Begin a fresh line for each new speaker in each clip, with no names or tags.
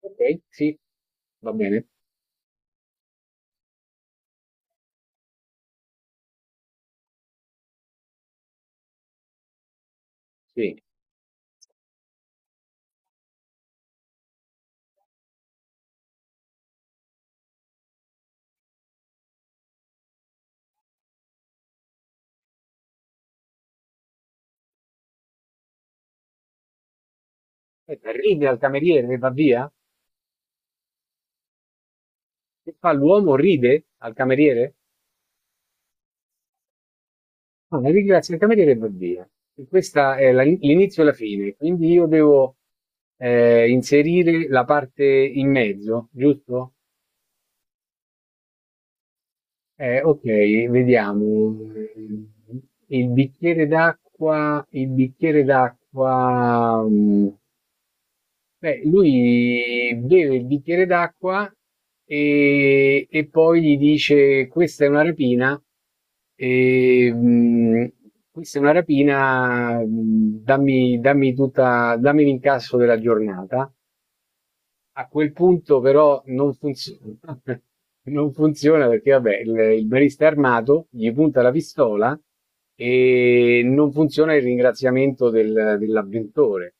Ok, sì, va bene. Sì. Aspetta, ride al cameriere e va via? Che fa l'uomo? Ride al cameriere? Ah, ringrazia il cameriere e va via. E questa è l'inizio e la fine, quindi io devo inserire la parte in mezzo, giusto? Ok, vediamo. Il bicchiere d'acqua, il bicchiere d'acqua. Beh, lui beve il bicchiere d'acqua e poi gli dice: Questa è una rapina, e, mm, questa è una rapina, dammi l'incasso della giornata. A quel punto, però, non funziona. Non funziona perché, vabbè, il barista è armato, gli punta la pistola e non funziona il ringraziamento dell'avventore.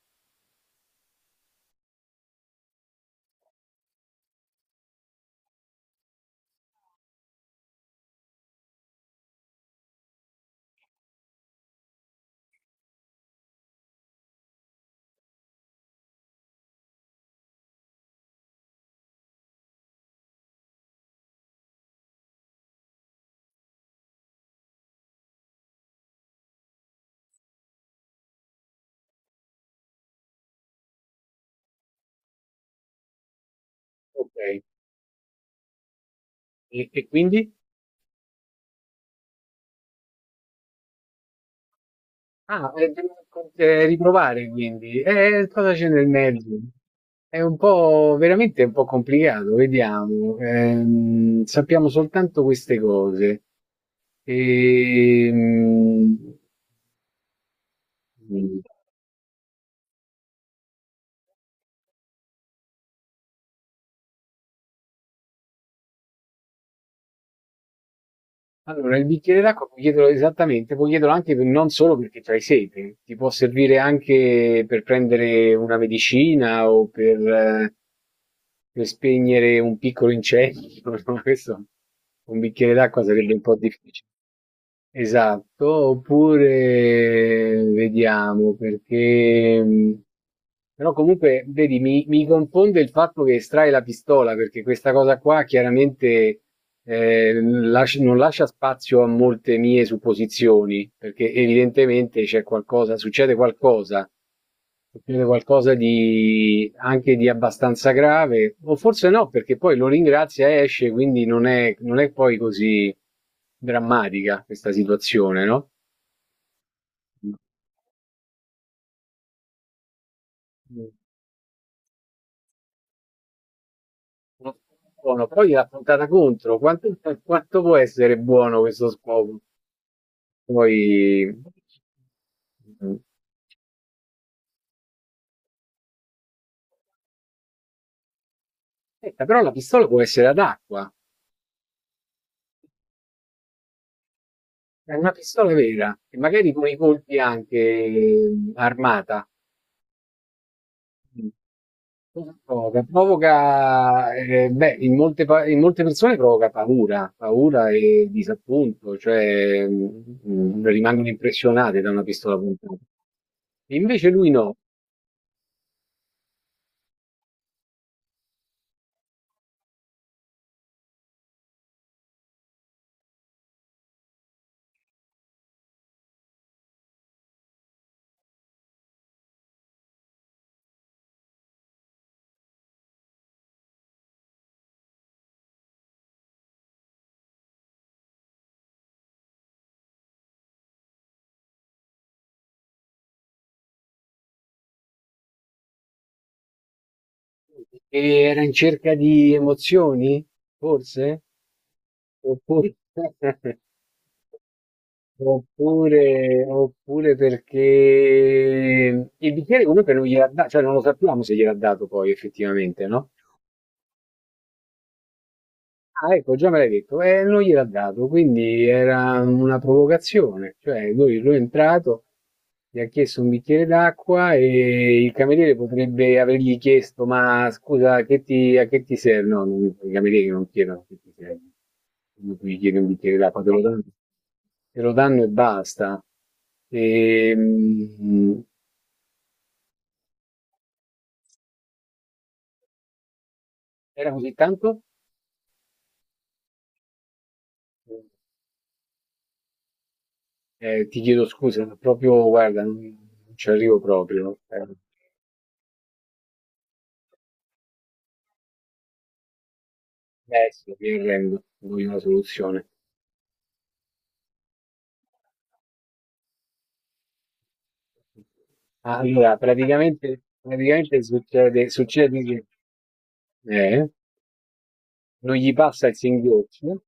Ok, e quindi? Ah, e devo riprovare quindi. E cosa c'è nel mezzo? È un po' veramente un po' complicato, vediamo. Sappiamo soltanto queste cose. Ehm, allora, il bicchiere d'acqua puoi chiederlo esattamente, puoi chiederlo anche non solo perché c'hai sete, ti può servire anche per prendere una medicina o per spegnere un piccolo incendio. No? Questo, un bicchiere d'acqua sarebbe un po' difficile. Esatto, oppure vediamo perché... però comunque, vedi, mi confonde il fatto che estrai la pistola, perché questa cosa qua chiaramente non lascia spazio a molte mie supposizioni, perché evidentemente c'è qualcosa, succede qualcosa, succede qualcosa di anche di abbastanza grave, o forse no, perché poi lo ringrazia e esce, quindi non è poi così drammatica questa situazione, no? Buono. Poi l'ha puntata contro, quanto, quanto può essere buono questo scopo? Poi aspetta, però la pistola può essere ad acqua, è una pistola vera, e magari con i colpi anche armata. Mm. Cosa provoca, provoca beh, in molte, in molte persone provoca paura, paura e disappunto, cioè rimangono impressionate da una pistola puntata. E invece lui no, perché era in cerca di emozioni, forse? Oppure... Oppure, oppure perché il bicchiere comunque non gliel'ha dato, cioè non lo sappiamo se gliel'ha dato poi effettivamente, no? Ah, ecco, già me l'hai detto, non gliel'ha dato, quindi era una provocazione, cioè lui è entrato, gli ha chiesto un bicchiere d'acqua e il cameriere potrebbe avergli chiesto, ma scusa, a che ti serve? I camerieri non chiedono che ti serve, quando tu gli chiedi un bicchiere d'acqua, te lo danno e basta. Ehm, era così tanto? Ti chiedo scusa, ma proprio, guarda, non ci arrivo proprio. No? Beh, sì, mi arrendo, voglio una soluzione. Allora, praticamente succede che eh, non gli passa il singhiozzo,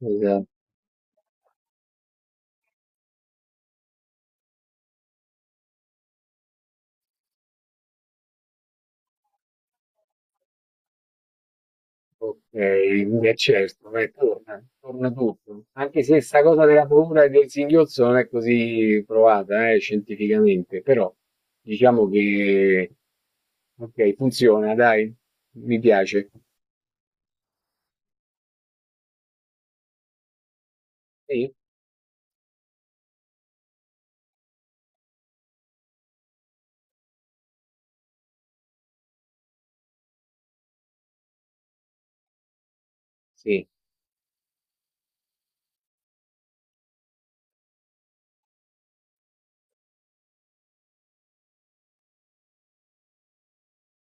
esatto. Ok, è certo, beh, torna, torna tutto. Anche se sta cosa della paura e del singhiozzo non è così provata, scientificamente, però diciamo che ok, funziona, dai, mi piace. Sì, sì,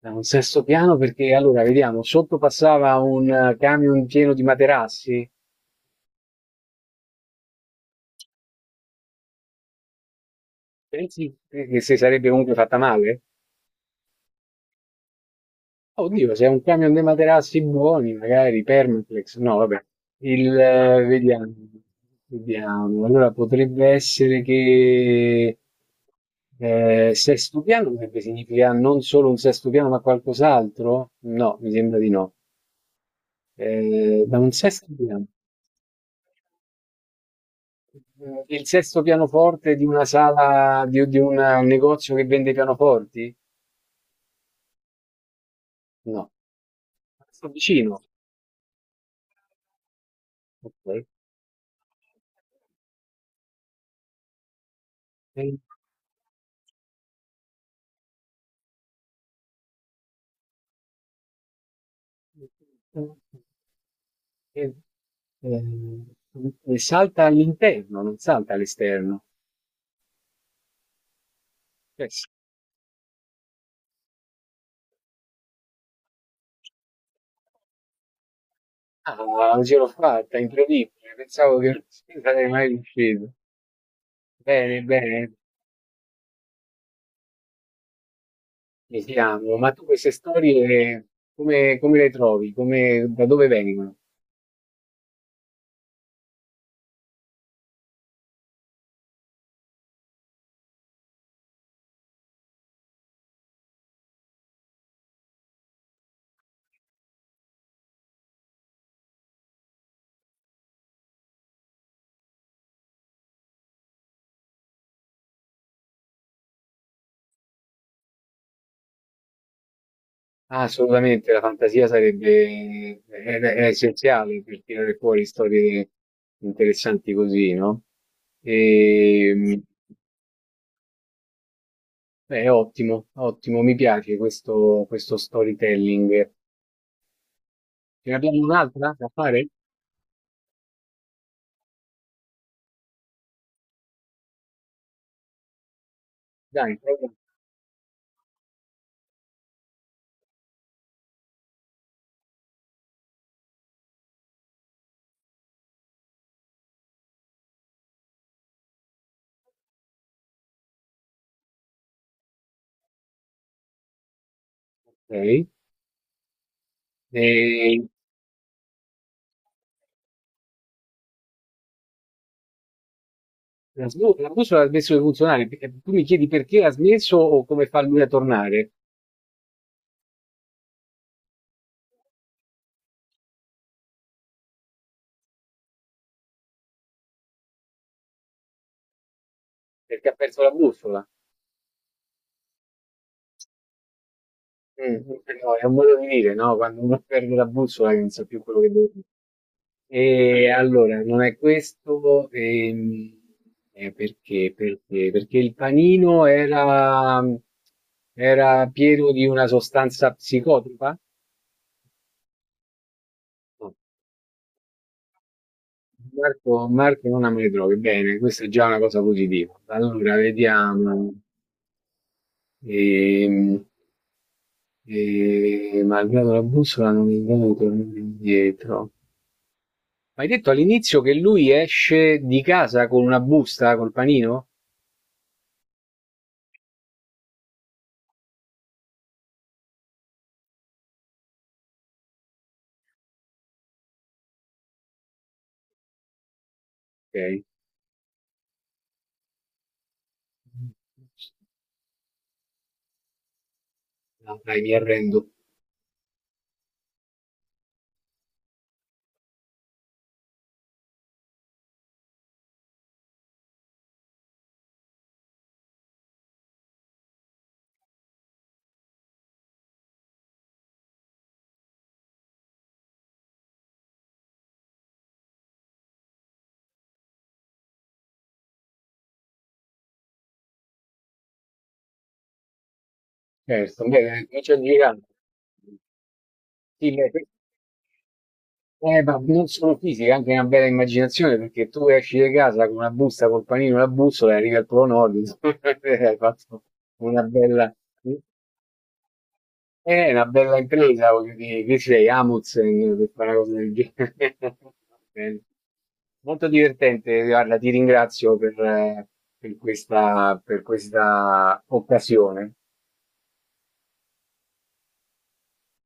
da un sesto piano perché allora vediamo, sotto passava un camion pieno di materassi, pensi che si sarebbe comunque fatta male? Oddio, se è un camion dei materassi buoni, magari Permaflex, no, vabbè, vediamo, vediamo, allora potrebbe essere che sesto piano potrebbe significare non solo un sesto piano ma qualcos'altro? No, mi sembra di no. Da un sesto piano, eh, il sesto pianoforte di una sala, un negozio che vende pianoforti? No, sto vicino, ok. Eh, eh, E, ehm, e salta all'interno, non salta all'esterno. Cioè, ah, ce l'ho fatta, incredibile. Pensavo che non ci sarei mai riuscito. Bene, bene, mi fiamo. Ma tu queste storie come, come le trovi? Come, da dove vengono? Ah, assolutamente, la fantasia sarebbe è essenziale per tirare fuori storie interessanti così, no? E, beh, ottimo, ottimo, mi piace questo, questo storytelling. Ce ne abbiamo un'altra da fare? Dai, proviamo. Ok. E la bussola ha smesso di funzionare. Perché tu mi chiedi perché ha smesso o come fa lui a tornare? Perché ha perso la bussola. Mh, eh no, è un modo di dire, no, quando uno perde la bussola che non sa più quello che deve fare. E allora, non è questo, perché perché il panino era era pieno di una sostanza psicotropa? No. Marco non ha me le droghe. Bene, questa è già una cosa positiva. Allora, vediamo. Ehm, malgrado la bussola non è in grado di tornare indietro. Ma hai detto all'inizio che lui esce di casa con una busta col panino? Ok, no, dai, mi arrendo. Certo, beh, comincia a girare. Sì, beh, ma non solo fisica, anche una bella immaginazione, perché tu esci di casa con una busta col panino e la bussola e arrivi al Polo Nord, insomma, hai fatto una bella... È una bella impresa, voglio dire, chi sei? Amundsen per fare una cosa del genere. Va bene. Molto divertente, guarda, ti ringrazio per questa occasione.